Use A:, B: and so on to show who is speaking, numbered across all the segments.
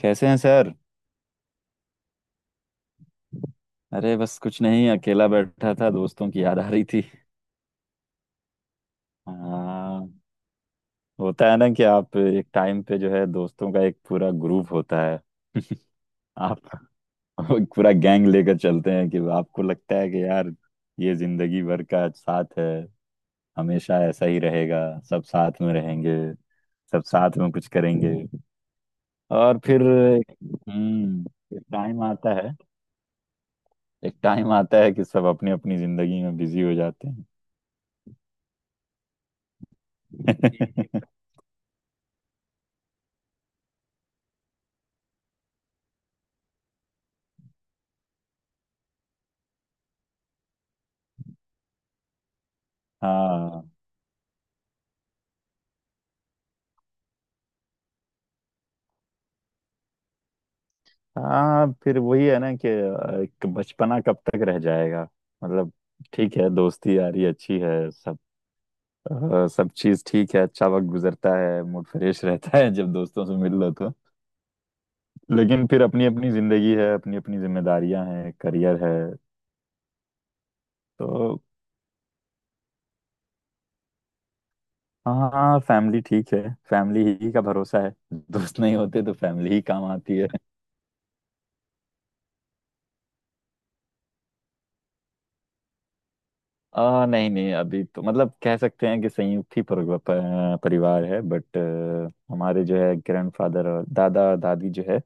A: कैसे हैं सर। अरे बस कुछ नहीं, अकेला बैठा था, दोस्तों की याद आ रही थी। हाँ, होता है ना कि आप एक टाइम पे जो है दोस्तों का एक पूरा ग्रुप होता है। आप एक पूरा गैंग लेकर चलते हैं कि आपको लगता है कि यार, ये जिंदगी भर का साथ है, हमेशा ऐसा ही रहेगा, सब साथ में रहेंगे, सब साथ में कुछ करेंगे। और फिर हम्म, एक टाइम आता है, एक टाइम आता है कि सब अपनी अपनी जिंदगी में बिजी हो जाते हैं। हाँ, हाँ, फिर वही है ना कि एक बचपना कब तक रह जाएगा। मतलब, ठीक है, दोस्ती यारी अच्छी है, सब सब चीज ठीक है, अच्छा वक्त गुजरता है, मूड फ्रेश रहता है जब दोस्तों से मिल लो तो। लेकिन फिर अपनी अपनी जिंदगी है, अपनी अपनी जिम्मेदारियां हैं, करियर है, तो। हाँ फैमिली ठीक है। फैमिली ही का भरोसा है, दोस्त नहीं होते तो फैमिली ही काम आती है। नहीं नहीं, अभी तो मतलब कह सकते हैं कि संयुक्त ही परिवार है, बट हमारे जो है ग्रैंडफादर और दादा दादी जो है,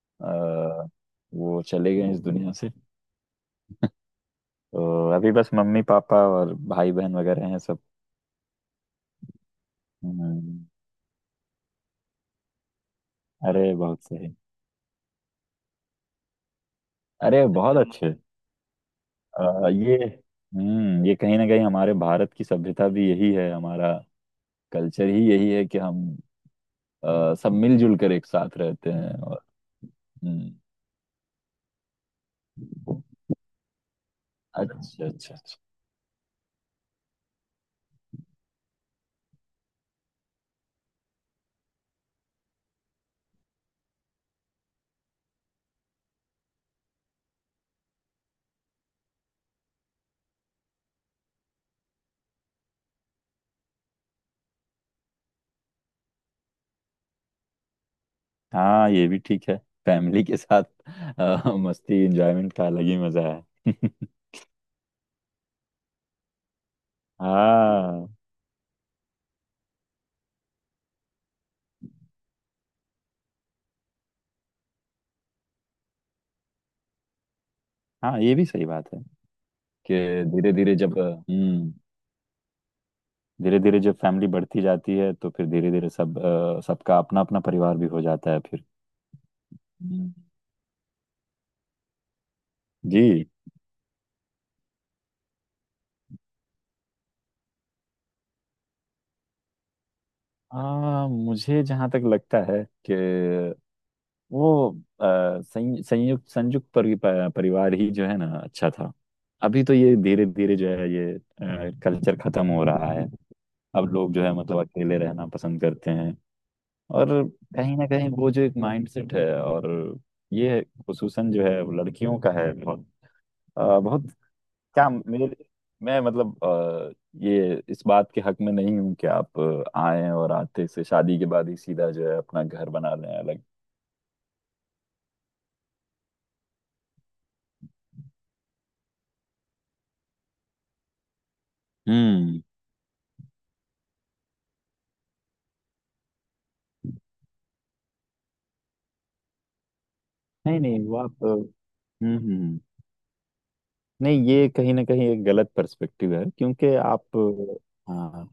A: आ, वो चले गए इस दुनिया से। तो अभी बस मम्मी पापा और भाई बहन वगैरह हैं सब। हम्म, अरे बहुत सही। अरे बहुत अच्छे। आ, ये हम्म, ये कहीं ना कहीं हमारे भारत की सभ्यता भी यही है, हमारा कल्चर ही यही है कि हम सब मिलजुल कर एक साथ रहते हैं और। हम्म, अच्छा अच्छा अच्छा। हाँ ये भी ठीक है, फैमिली के साथ मस्ती एंजॉयमेंट का अलग ही मजा है। हाँ, हाँ ये भी सही बात है कि धीरे धीरे जब हम्म, धीरे धीरे जब फैमिली बढ़ती जाती है तो फिर धीरे धीरे सब सबका अपना अपना परिवार भी हो जाता है फिर। हम्म। जी, मुझे जहाँ तक लगता है कि वो अ, संयुक्त परिवार ही जो है ना अच्छा था। अभी तो ये धीरे धीरे जो है ये कल्चर खत्म हो रहा है। अब लोग जो है मतलब अकेले रहना पसंद करते हैं। और कहीं ना कहीं वो जो एक माइंडसेट है और ये खुसूसन जो है वो लड़कियों का है, बहुत बहुत। क्या मेरे मैं मतलब, ये इस बात के हक में नहीं हूँ कि आप आए और आते से शादी के बाद ही सीधा जो है अपना घर बना लें अलग। हम्म, नहीं नहीं वो आप, हम्म। हम्म। हम्म। नहीं, ये कहीं ना कहीं एक गलत पर्सपेक्टिव है, क्योंकि आप। हाँ,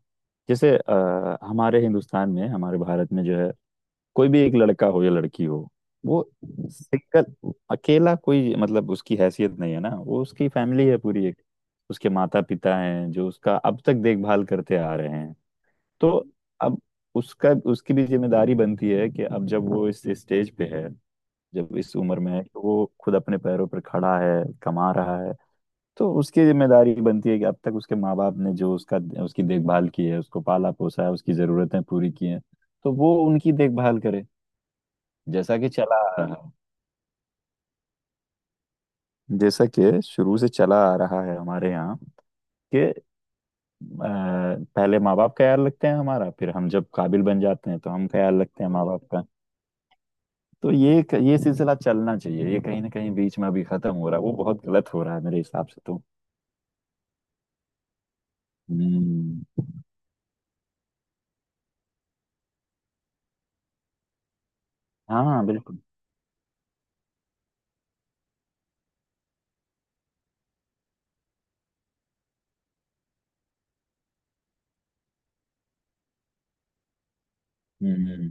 A: जैसे हमारे हिंदुस्तान में, हमारे भारत में जो है, कोई भी एक लड़का हो या लड़की हो, वो सिंगल अकेला कोई मतलब उसकी हैसियत नहीं है ना, वो उसकी फैमिली है पूरी एक, उसके माता पिता हैं जो उसका अब तक देखभाल करते आ रहे हैं। तो अब उसका, उसकी भी जिम्मेदारी बनती है कि अब जब वो इस स्टेज पे है, जब इस उम्र में है कि वो खुद अपने पैरों पर खड़ा है, कमा रहा है, तो उसकी जिम्मेदारी बनती है कि अब तक उसके माँ बाप ने जो उसका, उसकी देखभाल की है, उसको पाला पोसा है, उसकी जरूरतें पूरी की हैं, तो वो उनकी देखभाल करे। जैसा कि चला आ रहा है, जैसा कि शुरू से चला आ रहा है हमारे यहाँ कि पहले माँ बाप का ख्याल रखते हैं हमारा, फिर हम जब काबिल बन जाते हैं तो हम ख्याल रखते हैं माँ बाप का। तो ये सिलसिला चलना चाहिए, ये कहीं ना कहीं बीच में अभी खत्म हो रहा है, वो बहुत गलत हो रहा है मेरे हिसाब से तो। हम्म, हाँ बिल्कुल। हम्म। हम्म।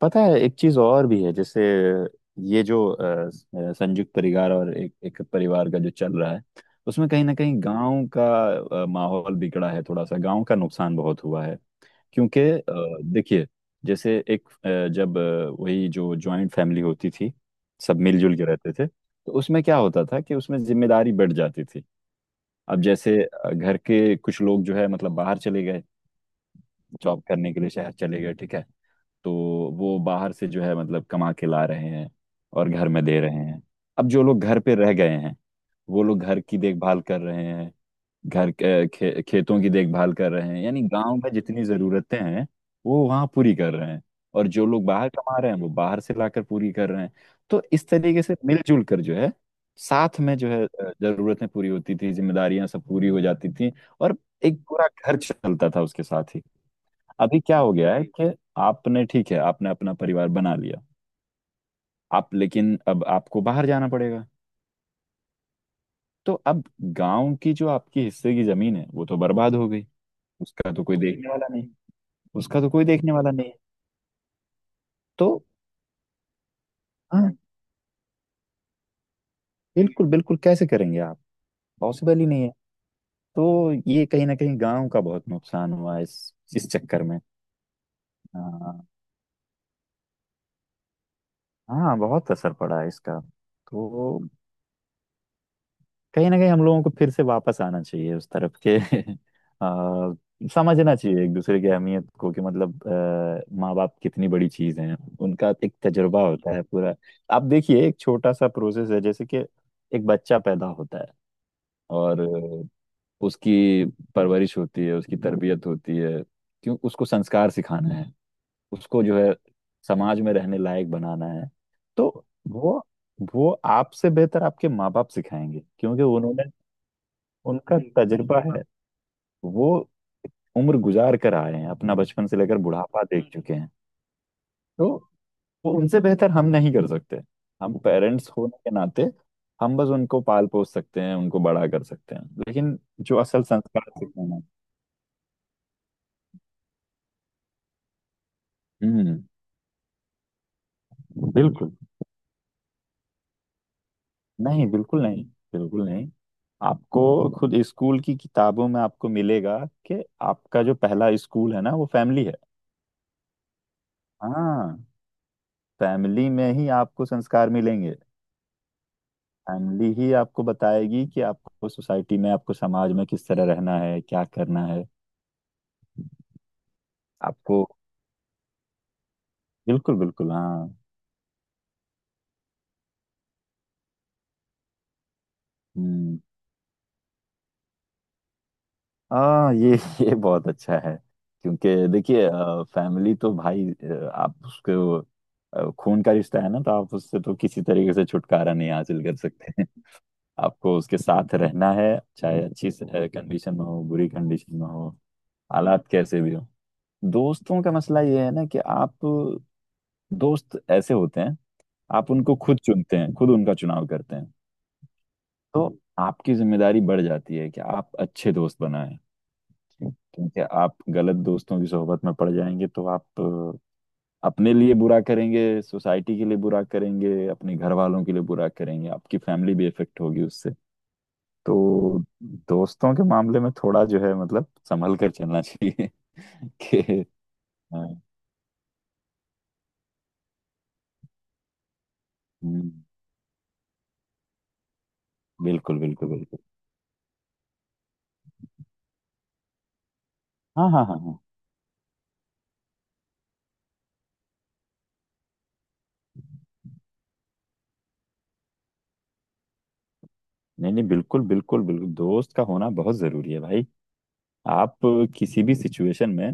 A: पता है एक चीज और भी है, जैसे ये जो संयुक्त परिवार और एक एक परिवार का जो चल रहा है, उसमें कहीं ना कहीं गांव का माहौल बिगड़ा है, थोड़ा सा गांव का नुकसान बहुत हुआ है। क्योंकि देखिए, जैसे एक जब वही जो जॉइंट फैमिली होती थी, सब मिलजुल के रहते थे, तो उसमें क्या होता था कि उसमें जिम्मेदारी बढ़ जाती थी। अब जैसे घर के कुछ लोग जो है मतलब बाहर चले गए, जॉब करने के लिए शहर चले गए, ठीक है। तो वो बाहर से जो है मतलब कमा के ला रहे हैं और घर में दे रहे हैं। अब जो लोग घर पे रह गए हैं, वो लोग घर की देखभाल कर रहे हैं, खेतों की देखभाल कर रहे हैं, यानी गांव में जितनी जरूरतें हैं वो वहां पूरी कर रहे हैं, और जो लोग बाहर कमा रहे हैं वो बाहर से लाकर पूरी कर रहे हैं। तो इस तरीके से मिलजुल कर जो है, साथ में जो है जरूरतें पूरी होती थी, जिम्मेदारियां सब पूरी हो जाती थी, और एक पूरा घर चलता था उसके साथ ही। अभी क्या हो गया है कि आपने, ठीक है, आपने अपना परिवार बना लिया, आप लेकिन अब आपको बाहर जाना पड़ेगा। तो अब गांव की जो आपकी हिस्से की जमीन है वो तो बर्बाद हो गई, उसका तो कोई देखने वाला नहीं, उसका तो कोई देखने वाला नहीं है। तो हाँ, बिल्कुल बिल्कुल, कैसे करेंगे आप, पॉसिबल ही नहीं है। तो ये कहीं ना कहीं गांव का बहुत नुकसान हुआ इस चक्कर में। हाँ, हाँ, बहुत असर पड़ा है इसका। तो कहीं ना कहीं हम लोगों को फिर से वापस आना चाहिए उस तरफ के। आ, समझना चाहिए एक दूसरे की अहमियत को कि मतलब माँ बाप कितनी बड़ी चीज है, उनका एक तजुर्बा होता है पूरा। आप देखिए एक छोटा सा प्रोसेस है, जैसे कि एक बच्चा पैदा होता है और उसकी परवरिश होती है, उसकी तरबियत होती है, क्यों उसको संस्कार सिखाना है, उसको जो है समाज में रहने लायक बनाना है। तो वो वो आपसे बेहतर आपके माँ बाप सिखाएंगे, क्योंकि उन्होंने, उनका तजुर्बा है, वो उम्र गुजार कर आए हैं, अपना बचपन से लेकर बुढ़ापा देख चुके हैं। तो वो उनसे बेहतर हम नहीं कर सकते। हम पेरेंट्स होने के नाते हम बस उनको पाल पोस सकते हैं, उनको बड़ा कर सकते हैं, लेकिन जो असल संस्कार सिखाना। हम्म, बिल्कुल, नहीं बिल्कुल नहीं, बिल्कुल नहीं। आपको खुद स्कूल की किताबों में आपको मिलेगा कि आपका जो पहला स्कूल है ना, वो फैमिली है। हाँ, फैमिली में ही आपको संस्कार मिलेंगे। फैमिली ही आपको बताएगी कि आपको सोसाइटी में, आपको समाज में किस तरह रहना है, क्या करना है। आपको, बिल्कुल बिल्कुल, हाँ। हम्म, हाँ ये ये बहुत अच्छा है। क्योंकि देखिए, फैमिली तो भाई आप उसको खून का रिश्ता है ना, तो आप उससे तो किसी तरीके से छुटकारा नहीं हासिल कर सकते हैं। आपको उसके साथ रहना है, चाहे अच्छी कंडीशन में हो, बुरी कंडीशन में हो, हालात कैसे भी हो। दोस्तों का मसला ये है ना कि आप, दोस्त ऐसे होते हैं, आप उनको खुद चुनते हैं, खुद उनका चुनाव करते हैं। तो आपकी जिम्मेदारी बढ़ जाती है कि आप अच्छे दोस्त बनाएं, क्योंकि आप गलत दोस्तों की सोहबत में पड़ जाएंगे तो आप अपने लिए बुरा करेंगे, सोसाइटी के लिए बुरा करेंगे, अपने घर वालों के लिए बुरा करेंगे, आपकी फैमिली भी इफेक्ट होगी उससे। तो दोस्तों के मामले में थोड़ा जो है मतलब संभल कर चलना चाहिए कि अ, हम्म, बिल्कुल बिल्कुल बिल्कुल। हाँ हाँ हाँ हाँ, नहीं नहीं बिल्कुल बिल्कुल बिल्कुल, दोस्त का होना बहुत जरूरी है भाई। आप किसी भी सिचुएशन में,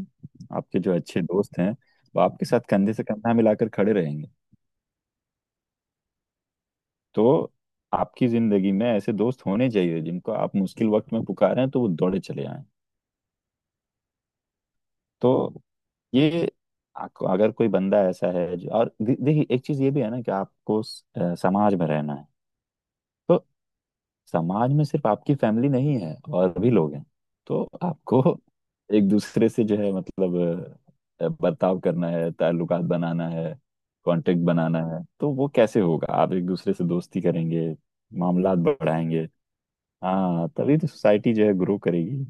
A: आपके जो अच्छे दोस्त हैं वो आपके साथ कंधे से कंधा मिलाकर खड़े रहेंगे। तो आपकी जिंदगी में ऐसे दोस्त होने चाहिए जिनको आप मुश्किल वक्त में पुकारें तो वो दौड़े चले आएं। तो ये आपको- अगर कोई बंदा ऐसा है जो और दे- देखिए एक चीज ये भी है ना कि आपको समाज में रहना है। तो समाज में सिर्फ आपकी फैमिली नहीं है, और भी लोग हैं। तो आपको एक दूसरे से जो है मतलब बर्ताव करना है, ताल्लुकात बनाना है, कांटेक्ट बनाना है, तो वो कैसे होगा, आप एक दूसरे से दोस्ती करेंगे, मामलात बढ़ाएंगे। हाँ, तभी तो सोसाइटी जो है ग्रो करेगी।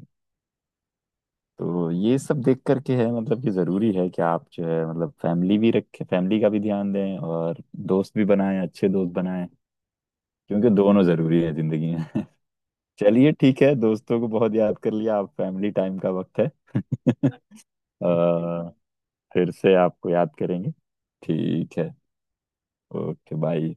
A: तो ये सब देख करके है मतलब कि जरूरी है कि आप जो है मतलब फैमिली भी रखें, फैमिली का भी ध्यान दें, और दोस्त भी बनाएं, अच्छे दोस्त बनाएं, क्योंकि दोनों जरूरी है जिंदगी। चलिए ठीक है, दोस्तों को बहुत याद कर लिया, आप फैमिली टाइम का वक्त है। अ, फिर से आपको याद करेंगे, ठीक है। Okay bye.